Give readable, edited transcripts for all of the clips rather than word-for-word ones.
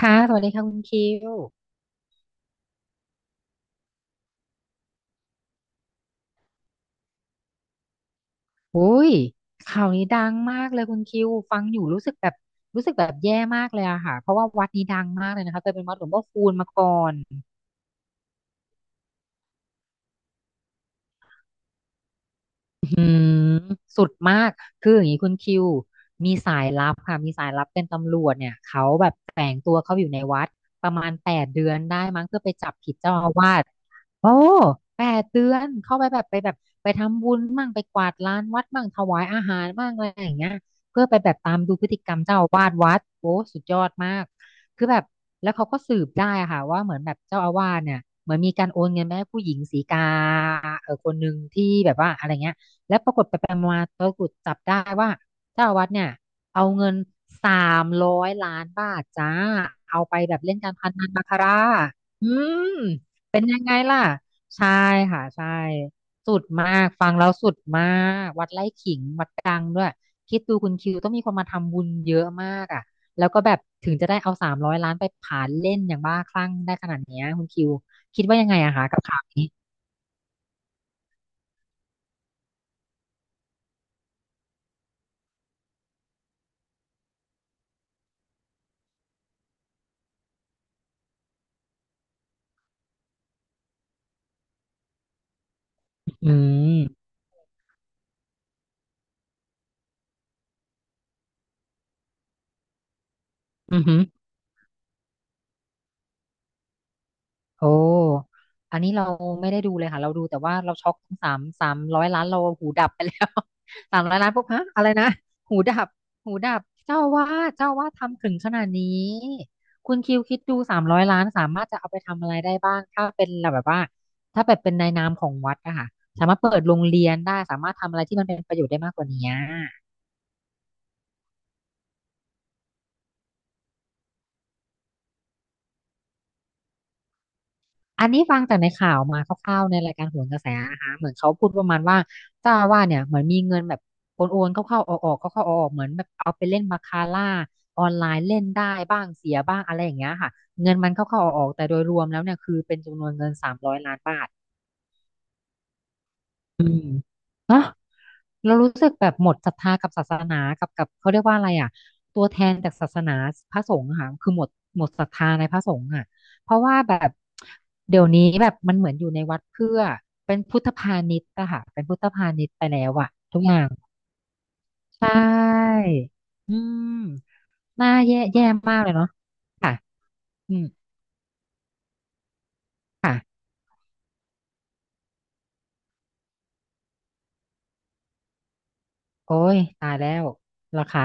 ค่ะสวัสดีค่ะคุณคิวอุ้ยข่าวนี้ดังมากเลยคุณคิวฟังอยู่รู้สึกแบบแย่มากเลยอะค่ะเพราะว่าวัดนี้ดังมากเลยนะคะเคยเป็นวัดหลวงพ่อคูณมาก่อน อื้หือสุดมากคืออย่างนี้คุณคิวมีสายลับค่ะมีสายลับเป็นตำรวจเนี่ยเขาแบบแฝงตัวเขาอยู่ในวัดประมาณแปดเดือนได้มั้งเพื่อไปจับผิดเจ้าอาวาสโอ้แปดเดือนเข้าไปแบบไปทำบุญมั่งไปกวาดลานวัดมั่งถวายอาหารมั่งอะไรอย่างเงี้ยเพื่อไปแบบตามดูพฤติกรรมเจ้าอาวาสวัดโอ้สุดยอดมากคือแบบแล้วเขาก็สืบได้อะค่ะว่าเหมือนแบบเจ้าอาวาสเนี่ยเหมือนมีการโอนเงินไปให้ผู้หญิงสีกาเออคนหนึ่งที่แบบว่าอะไรเงี้ย และปรากฏไปมาๆตะกรุดจับได้ว่าเจ้าอาวัดเนี่ยเอาเงินสามร้อยล้านบาทจ้าเอาไปแบบเล่นการพนันบาคาร่าอืมเป็นยังไงล่ะใช่ค่ะใช่สุดมากฟังแล้วสุดมากวัดไร่ขิงวัดดังด้วยคิดดูคุณคิวต้องมีคนมาทำบุญเยอะมากอ่ะแล้วก็แบบถึงจะได้เอาสามร้อยล้านไปผานเล่นอย่างบ้าคลั่งได้ขนาดเนี้ยคุณคิวคิดว่ายังไงอะคะกับข่าวนี้อืมอือหือ โอ้อันนี้เราไม่ได้ดูเลยค่ะ เราดูแต่ว่าเราช็อกสามร้อยล้านเราหูดับไปแล้ว สามร้อยล้านปุ๊บฮะอะไรนะหูดับหูดับเจ้าว่าเจ้าว่าทำถึงขนาดนี้คุณคิวคิดดูสามร้อยล้านสามารถจะเอาไปทำอะไรได้บ้างถ้าเป็นแบบว่าถ้าแบบเป็นในนามของวัดอะค่ะสามารถเปิดโรงเรียนได้สามารถทำอะไรที่มันเป็นประโยชน์ได้มากกว่านี้ อันนี้ฟังจากในข่าวมาคร่าวๆในรายการโหนกระแสนะคะเหมือนเขาพูดประมาณว่าเจ้าอาวาสเนี่ยเหมือนมีเงินแบบโอนโเข้าๆออกๆกเข้าๆออกๆเหมือนแบบเอาไปเล่นบาคาร่าออนไลน์เล่นได้บ้างเสียบ้างอะไรอย่างเงี้ยค่ะเงินมันเข้าๆออกๆแต่โดยรวมแล้วเนี่ยคือเป็นจำนวนเงินสามร้อยล้านบาทเนาะ เรารู้สึกแบบหมดศรัทธากับศาสนากับเขาเรียกว่าอะไรอ่ะตัวแทนจากศาสนาพระสงฆ์อะค่ะคือหมดศรัทธาในพระสงฆ์อ่ะเพราะว่าแบบเดี๋ยวนี้แบบมันเหมือนอยู่ในวัดเพื่อเป็นพุทธพาณิชย์อะค่ะเป็นพุทธพาณิชย์ไปแล้วอะทุกอย่างใช่อืมน่าแย่แย่มากเลยเนาะค่ะอืมค่ะโอ้ยตายแล้วเหรอคะ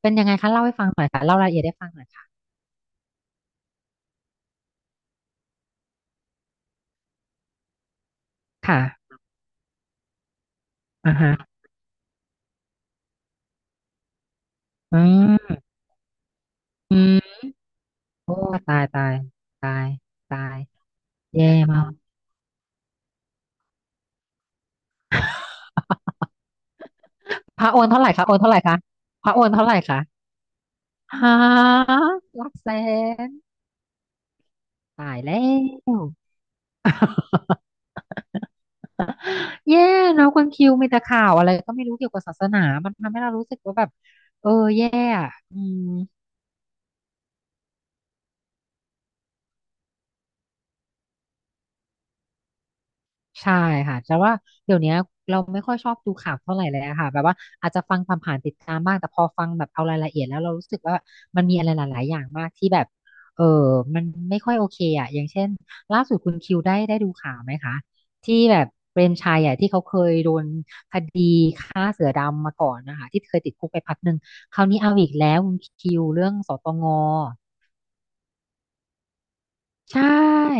เป็นยังไงคะเล่าให้ฟังหน่อยค่ะเล่ารายละเอียดให้ฟังหน่อยค่ะค่ะอ่าฮะอืมอืม โอ้ตายตายตายตายแย่มาก พระโอนเท่าไหร่คะโอนเท่าไหร่คะพระโอนเท่าไหร่คะฮะหลักแสนตายแล้ว แย่เนาะคนคิวมีแต่ข่าวอะไรก็ไม่รู้เกี่ยวกับศาสนามันทำให้เรารู้สึกว่าแบบเออแย่อะอืม ใช่ค่ะแต่ว่าเดี๋ยวเนี้ยเราไม่ค่อยชอบดูข่าวเท่าไหร่เลยอะค่ะแบบว่าอาจจะฟังผ่านๆติดตามบ้างแต่พอฟังแบบเอารายละเอียดแล้วเรารู้สึกว่ามันมีอะไรหลายๆอย่างมากที่แบบเออมันไม่ค่อยโอเคอะอย่างเช่นล่าสุดคุณคิวได้ดูข่าวไหมคะที่แบบเปรมชัยอะที่เขาเคยโดนคดีฆ่าเสือดำมาก่อนนะคะที่เคยติดคุกไปพักหนึ่งคราวนี้เอาอีกแล้วคุณคิวเรื่องสตง ใช่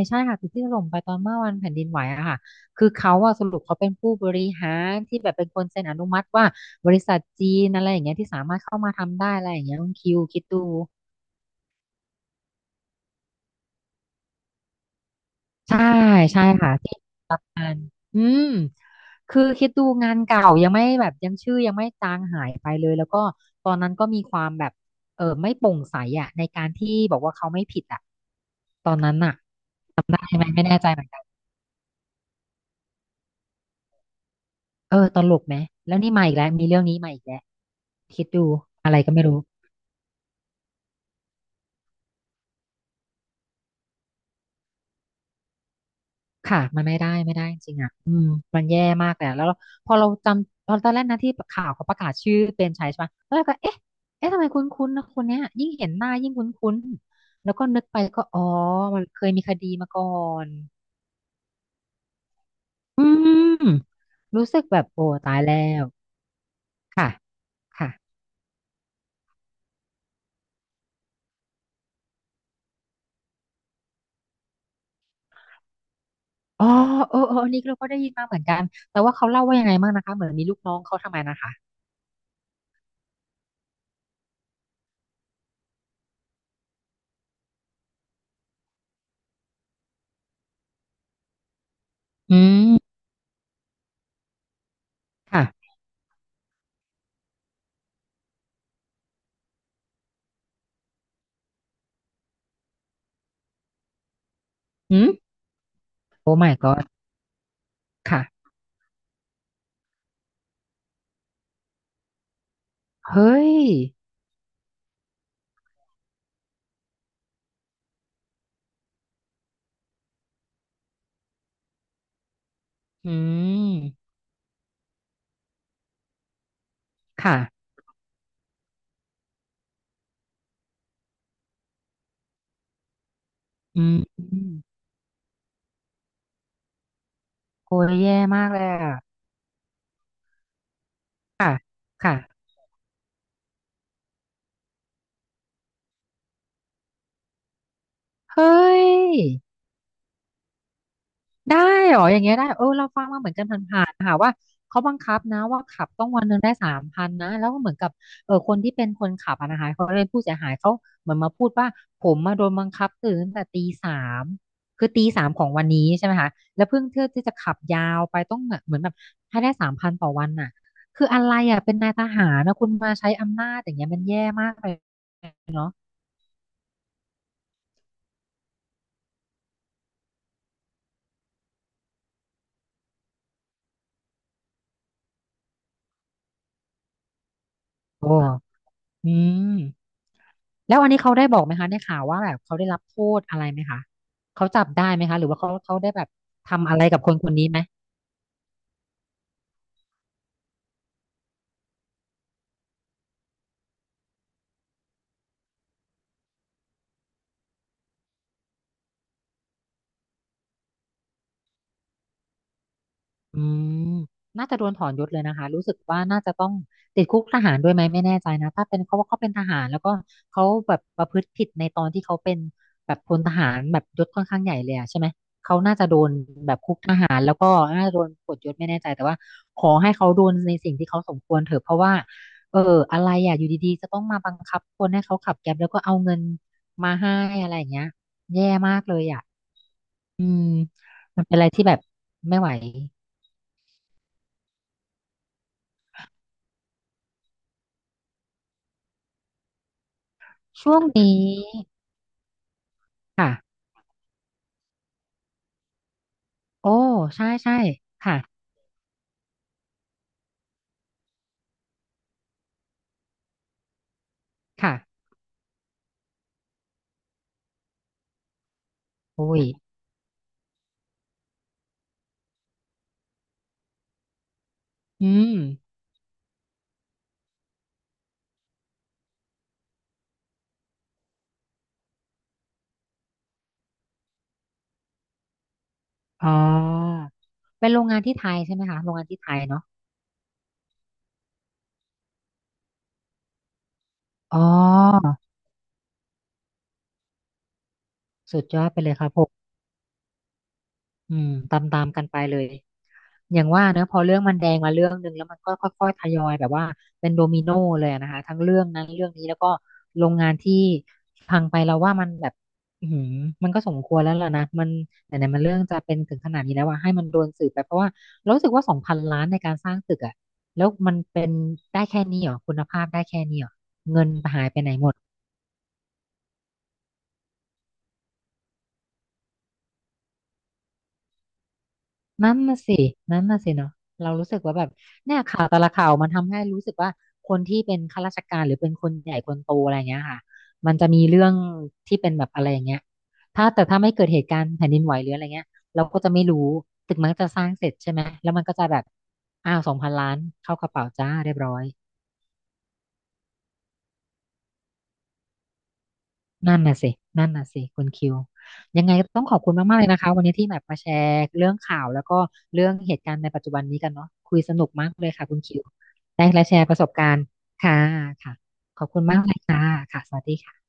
ใช่ค่ะตึกที่ถล่มไปตอนเมื่อวันแผ่นดินไหวอะค่ะคือเขาอะสรุปเขาเป็นผู้บริหารที่แบบเป็นคนเซ็นอนุมัติว่าบริษัทจีนอะไรอย่างเงี้ยที่สามารถเข้ามาทำได้อะไรอย่างเงี้ยคุณคิวคิดดูใช่ใช่ค่ะที่งานอืมคือคิดดูงานเก่ายังไม่แบบยังชื่อยังไม่จางหายไปเลยแล้วก็ตอนนั้นก็มีความแบบเออไม่โปร่งใสอะในการที่บอกว่าเขาไม่ผิดอะตอนนั้นอะจำได้ไหมไม่แน่ใจเหมือนกันเออตลกไหมแล้วนี่มาอีกแล้วมีเรื่องนี้มาอีกแล้ว คิดดูอะไรก็ไม่รู้ค่ะมันไม่ได้จริงๆอ่ะอืมมันแย่มากเลยอะแล้วเราพอเราจำตอนแรกนะที่ข่าวเขาประกาศชื่อเปรมชัยใช่ปะแล้วเราก็เอ๊ะทำไมคุ้นๆนะคนเนี้ยยิ่งเห็นหน้ายิ่งคุ้นๆแล้วก็นึกไปก็อ๋อมันเคยมีคดีมาก่อนอืมรู้สึกแบบโอ้ตายแล้วค่ะค่ะอ๋อเอออันนี้เราก็ได้ยินมาเหมือนกันแต่ว่าเขาเล่าว่ายังไงบ้างนะคะเหมือนมีลูกน้องเขาทำไมนะคะอืมค่ะอืมโอ้ my god ค่ะ เฮ้ย อืม ค่ะ อืมโอ้ยแย่มากเลยอ่ะค่ะ ค่ะ เฮ้ย ได้เหรออย่างเงี้ยได้เออเราฟังมาเหมือนกันผ่านๆค่ะว่าเขาบังคับนะว่าขับต้องวันหนึ่งได้สามพันนะแล้วก็เหมือนกับเออคนที่เป็นคนขับอะนะคะเขาเป็นผู้เสียหายเขาเหมือนมาพูดว่าผมมาโดนบังคับตื่นตั้งแต่ตีสามคือตีสามของวันนี้ใช่ไหมคะแล้วเพิ่งเที่ยวที่จะขับยาวไปต้องเหมือนแบบให้ได้สามพันต่อวันน่ะคืออะไรอ่ะเป็นนายทหารนะคุณมาใช้อำนาจอย่างเงี้ยมันแย่มากเลยโอ้อืม แล้วอันนี้เขาได้บอกไหมคะในข่าวว่าแบบเขาได้รับโทษอะไรไหมคะเขาจับได้ไหมคะหรือว่าเขาได้แบบทำอะไรกับคนคนนี้ไหมอืมน่าจะโดนถอนยศเลยนะคะรู้สึกว่าน่าจะต้องติดคุกทหารด้วยไหมไม่แน่ใจนะถ้าเป็นเขาว่าเขาเป็นทหารแล้วก็เขาแบบประพฤติผิดในตอนที่เขาเป็นแบบพลทหารแบบยศค่อนข้างใหญ่เลยอะใช่ไหม คุกทหารแล้วก็น่าจะโดนปลดยศไม่แน่ใจแต่ว่าขอให้เขาโดนในสิ่งที่เขาสมควรเถอะเพราะว่าเอออะไรอ่ะอยู่ดีๆจะต้องมาบังคับคนให้เขาขับแก๊ปแล้วก็เอาเงินมาให้อะไรอย่างเงี้ยแย่มากเลยอ่ะอืมมันเป็นอะไรที่แบบไม่ไหวช่วงนี้ค่ะโอ้ใช่ใช่ค่ะค่ะโอ้ยอืมอ๋อเป็นโรงงานที่ไทยใช่ไหมคะโรงงานที่ไทยเนาะอ๋อสุดยอดไปเลยครับผม อืมตามกันไปเลยอย่างว่าเนอะพอเรื่องมันแดงมาเรื่องหนึ่งแล้วมันก็ค่อยๆทยอยแบบว่าเป็นโดมิโนเลยอะนะคะทั้งเรื่องนั้นเรื่องนี้แล้วก็โรงงานที่พังไปเราว่ามันแบบอือหือมันก็สมควรแล้วล่ะนะมันไหนๆมันเรื่องจะเป็นถึงขนาดนี้แล้วว่าให้มันโดนสืบไปเพราะว่าเรารู้สึกว่าสองพันล้านในการสร้างตึกอะแล้วมันเป็นได้แค่นี้เหรอคุณภาพได้แค่นี้เหรอ นั่นน่ะสิ นั่นน่ะสิเนาะเรารู้สึกว่าแบบเนี่ยข่าวแต่ละข่าวมันทำให้รู้สึกว่าคนที่เป็นข้าราชการหรือเป็นคนใหญ่คนโตอะไรเงี้ยค่ะมันจะมีเรื่องที่เป็นแบบอะไรอย่างเงี้ยถ้าแต่ถ้าไม่เกิดเหตุการณ์แผ่นดินไหวหรืออะไรเงี้ยเราก็จะไม่รู้ ตึกมันก็จะสร้างเสร็จใช่ไหม แล้วมันก็จะแบบอ้าวสองพันล้านเข้ากระเป๋าจ้าเรียบร้อย นั่นน่ะสินั่นน่ะสิคุณคิวยังไงก็ต้องขอบคุณมากๆเลยนะคะวันนี้ที่แบบมาแชร์เรื่องข่าวแล้วก็เรื่องเหตุการณ์ในปัจจุบันนี้กันเนาะคุยสนุกมากเลยค่ะคุณคิวได้และแชร์ประสบการณ์ค่ะค่ะขอบคุณมากเลยค่ะค่ะสวัสดีค่ะ